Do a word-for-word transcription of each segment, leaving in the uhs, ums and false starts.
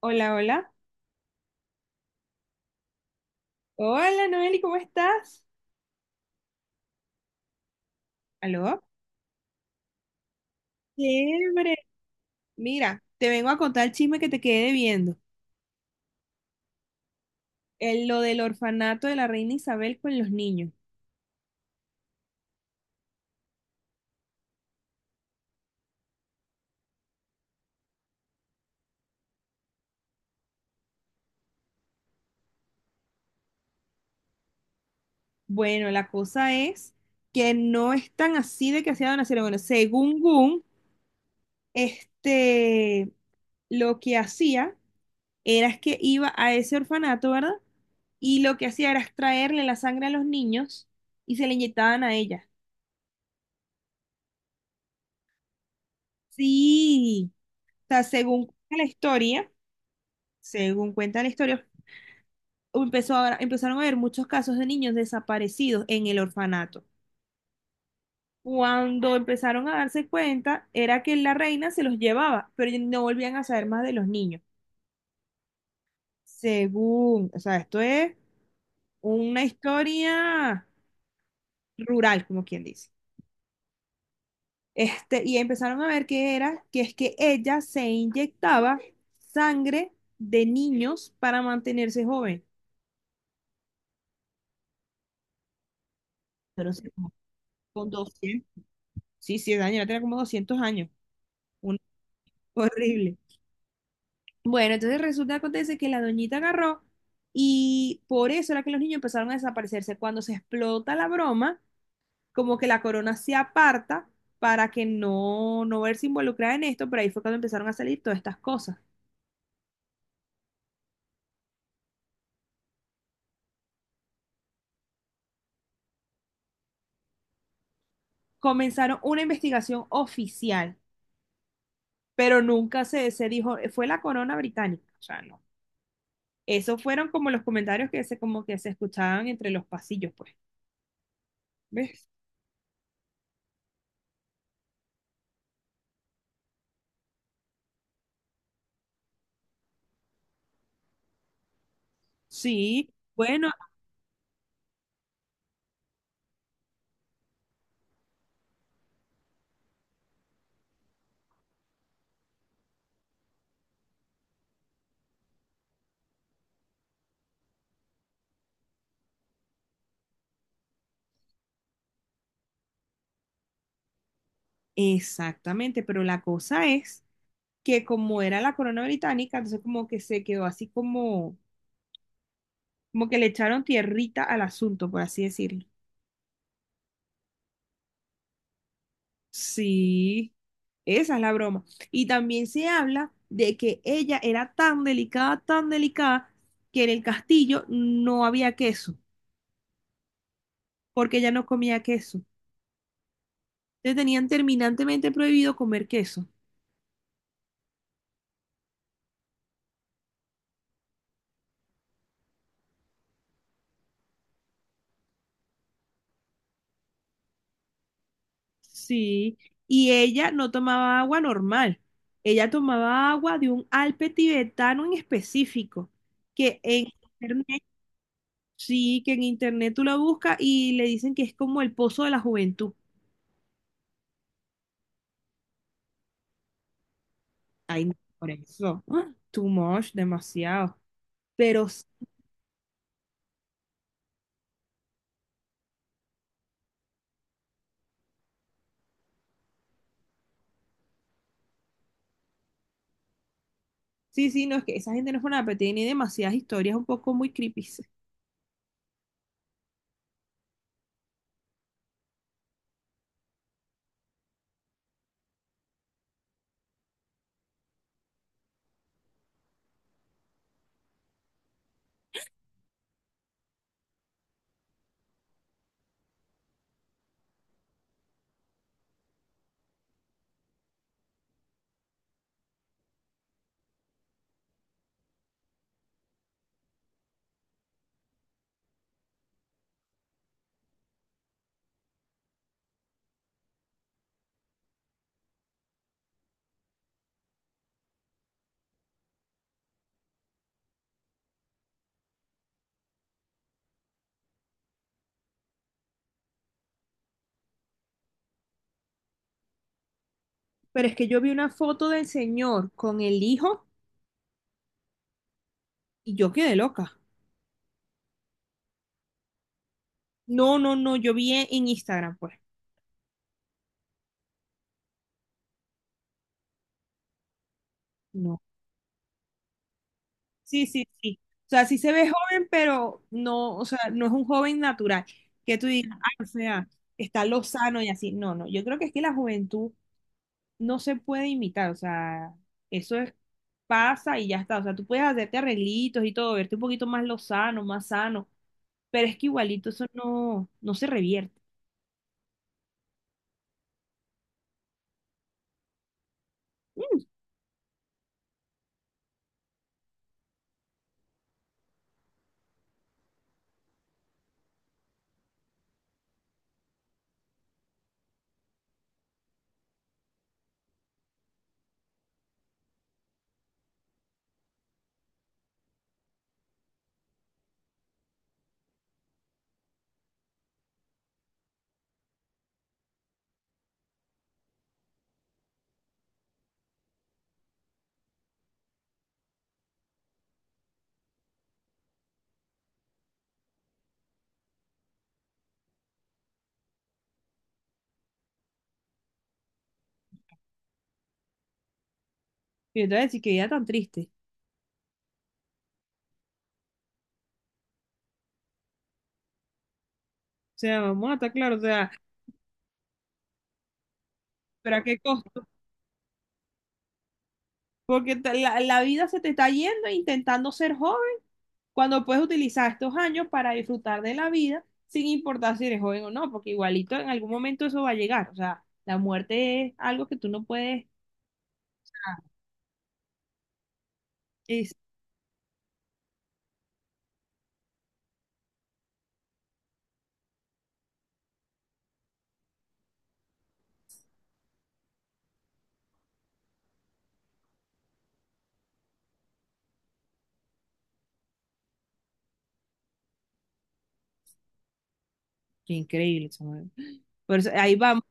Hola, hola. Hola, Noeli, ¿cómo estás? ¿Aló? Chévere. Mira, te vengo a contar el chisme que te quedé viendo, lo del orfanato de la reina Isabel con los niños. Bueno, la cosa es que no es tan así de que hacía donación. Bueno, según Gun, este, lo que hacía era es que iba a ese orfanato, ¿verdad? Y lo que hacía era extraerle la sangre a los niños y se le inyectaban a ella. Sí, o sea, según la historia, según cuenta la historia, empezó a- empezaron a haber muchos casos de niños desaparecidos en el orfanato. Cuando empezaron a darse cuenta, era que la reina se los llevaba, pero no volvían a saber más de los niños. Según, o sea, esto es una historia rural, como quien dice. Este, y empezaron a ver que era, que es que ella se inyectaba sangre de niños para mantenerse joven. Pero sí, como con doscientos, sí, sí, Daniela tenía como doscientos años. Horrible. Bueno, entonces resulta, acontece que la doñita agarró y por eso era que los niños empezaron a desaparecerse. Cuando se explota la broma, como que la corona se aparta para que no, no verse involucrada en esto, pero ahí fue cuando empezaron a salir todas estas cosas. Comenzaron una investigación oficial, pero nunca se, se dijo, fue la corona británica, o sea, no. Esos fueron como los comentarios que se, como que se escuchaban entre los pasillos, pues. ¿Ves? Sí, bueno, exactamente, pero la cosa es que como era la corona británica, entonces como que se quedó así como, como que le echaron tierrita al asunto, por así decirlo. Sí, esa es la broma. Y también se habla de que ella era tan delicada, tan delicada, que en el castillo no había queso, porque ella no comía queso. Le tenían terminantemente prohibido comer queso. Sí, y ella no tomaba agua normal. Ella tomaba agua de un alpe tibetano en específico, que en internet. Sí, que en internet tú la buscas y le dicen que es como el pozo de la juventud. Por eso. ¡Ah! Too much, demasiado. Pero sí, sí, no, es que esa gente no es una, pero tiene demasiadas historias un poco muy creepy. Pero es que yo vi una foto del señor con el hijo y yo quedé loca. No, no, no, yo vi en en Instagram, pues. No. Sí, sí, sí. O sea, sí se ve joven, pero no, o sea, no es un joven natural. Que tú digas, ah, o sea, está lozano y así. No, no, yo creo que es que la juventud no se puede imitar, o sea, eso es, pasa y ya está, o sea, tú puedes hacerte arreglitos y todo, verte un poquito más lozano, más sano, pero es que igualito eso no, no se revierte. Mm. Y entonces, sí, que vida tan triste. O sea, vamos a estar claros, o sea, pero ¿a qué costo? Porque te- la, la vida se te está yendo intentando ser joven, cuando puedes utilizar estos años para disfrutar de la vida, sin importar si eres joven o no, porque igualito en algún momento eso va a llegar, o sea, la muerte es algo que tú no puedes... Qué increíble, Samuel. Por eso, ahí vamos.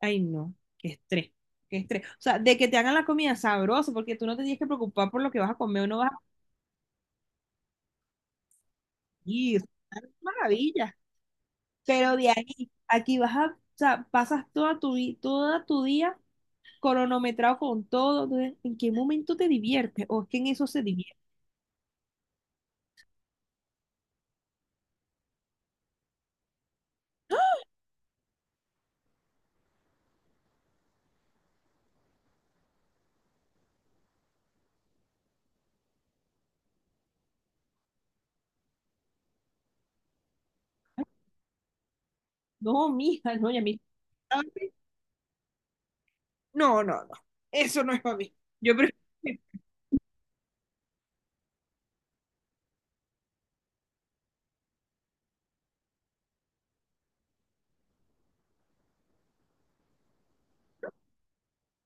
Ay, no, qué estrés, qué estrés. O sea, de que te hagan la comida sabrosa, porque tú no te tienes que preocupar por lo que vas a comer o no vas a ir. Maravilla. Pero de ahí, aquí vas a, o sea, pasas toda tu, vi- toda tu día cronometrado con todo. Entonces, ¿en qué momento te diviertes? ¿O es que en eso se divierte? No, mija, no, ya mí. No, no, no. Eso no es para mí. Yo prefiero.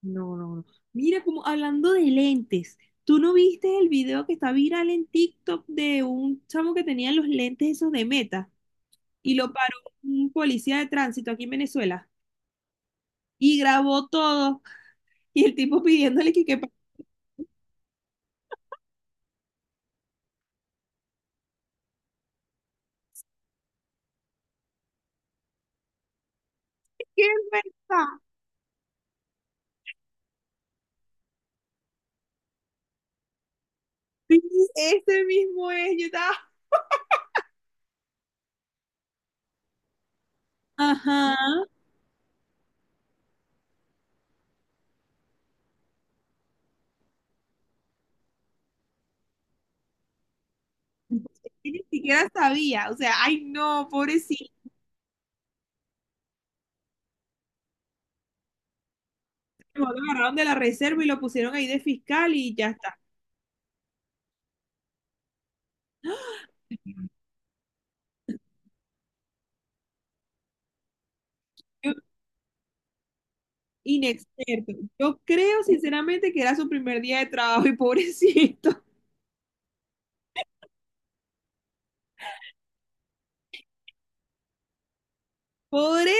No, no, no. Mira, como hablando de lentes, ¿tú no viste el video que está viral en TikTok de un chamo que tenía los lentes esos de Meta y lo paró un policía de tránsito aquí en Venezuela y grabó todo y el tipo pidiéndole que qué pa-. ¿Qué es verdad? Sí, ese mismo es, yo estaba, ajá. Ni siquiera sabía, o sea, ay, no, pobrecito, lo agarraron de la reserva y lo pusieron ahí de fiscal y ya está. Inexperto. Yo creo sinceramente que era su primer día de trabajo y pobrecito. Pobre.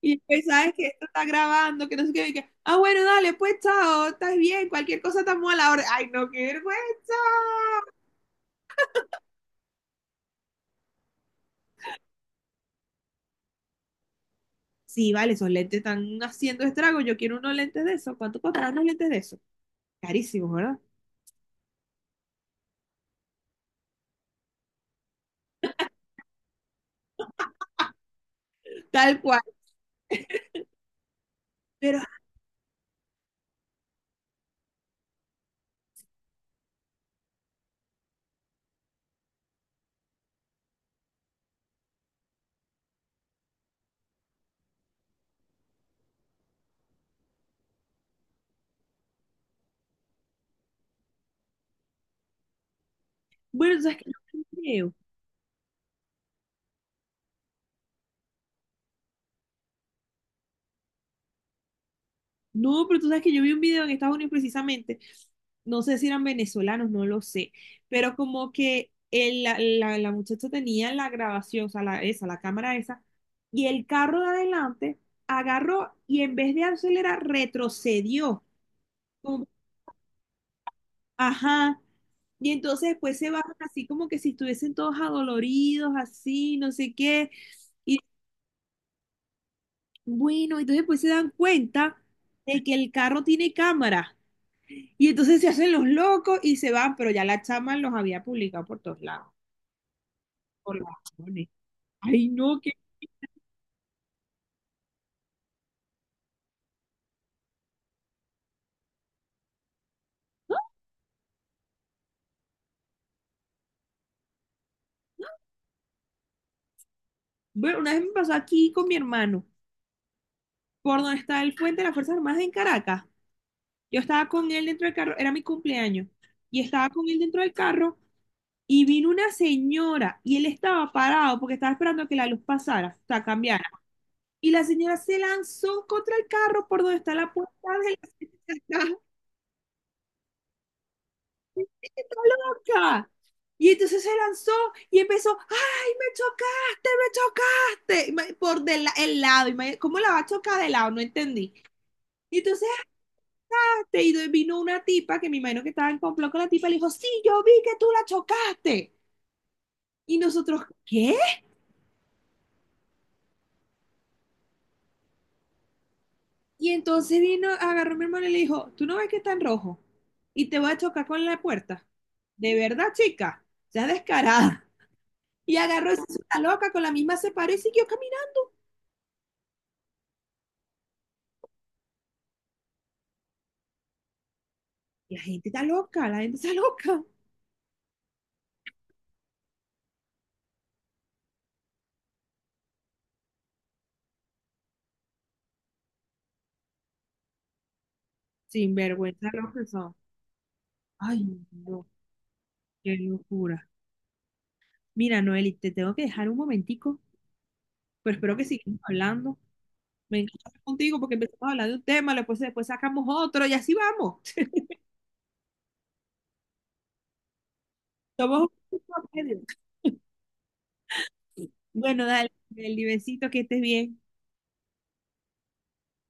Y pues, sabes que esto está grabando, que no sé qué. Y que, ah, bueno, dale, pues chao, estás bien, cualquier cosa estamos a la hora. Ay, no, qué vergüenza. Sí, vale, esos lentes están haciendo estragos. Yo quiero unos lentes de esos. ¿Cuánto costarán unos lentes de esos? Carísimos, ¿verdad? Tal cual. Pero, bueno, sabes que no creo. No, pero tú sabes que yo vi un video en Estados Unidos precisamente, no sé si eran venezolanos, no lo sé, pero como que el- la, la- la muchacha tenía la grabación, o sea, la, esa, la cámara esa, y el carro de adelante agarró y en vez de acelerar, retrocedió. Como-, ajá. Y entonces después se bajan así como que si estuviesen todos adoloridos, así, no sé qué. Y bueno, entonces después se dan cuenta de que el carro tiene cámara. Y entonces se hacen los locos y se van, pero ya la chama los había publicado por todos lados, por las razones. Ay, no, que... Bueno, una vez me pasó aquí con mi hermano, por donde está el puente de las Fuerzas Armadas en Caracas. Yo estaba con él dentro del carro, era mi cumpleaños, y estaba con él dentro del carro y vino una señora y él estaba parado porque estaba esperando que la luz pasara, o sea, cambiara. Y la señora se lanzó contra el carro por donde está la puerta de la está loca. Y entonces se lanzó y empezó, ay, me chocaste, me chocaste, Y ma- por del la- el lado. y ma- ¿Cómo la va a chocar de lado? No entendí. Y entonces hasta ahí vino una tipa que me imagino que estaba en complot con la tipa y le dijo, sí, yo vi que tú la chocaste. Y nosotros, ¿qué? Y entonces vino, agarró a mi hermano y le dijo, ¿tú no ves que está en rojo? Y te voy a chocar con la puerta. De verdad, chica, ya descarada. Y agarró esa loca, con la misma se paró y siguió caminando. La gente está loca, la gente está loca. Sin vergüenza lo que son. Ay, no, qué locura. Mira, Noeli, te tengo que dejar un momentico, pero espero que sigamos hablando. Me encanta hablar contigo porque empezamos a hablar de un tema, después, después sacamos otro y así vamos. Somos un grupo serio. Bueno, dale, Noeli, besito, que estés bien.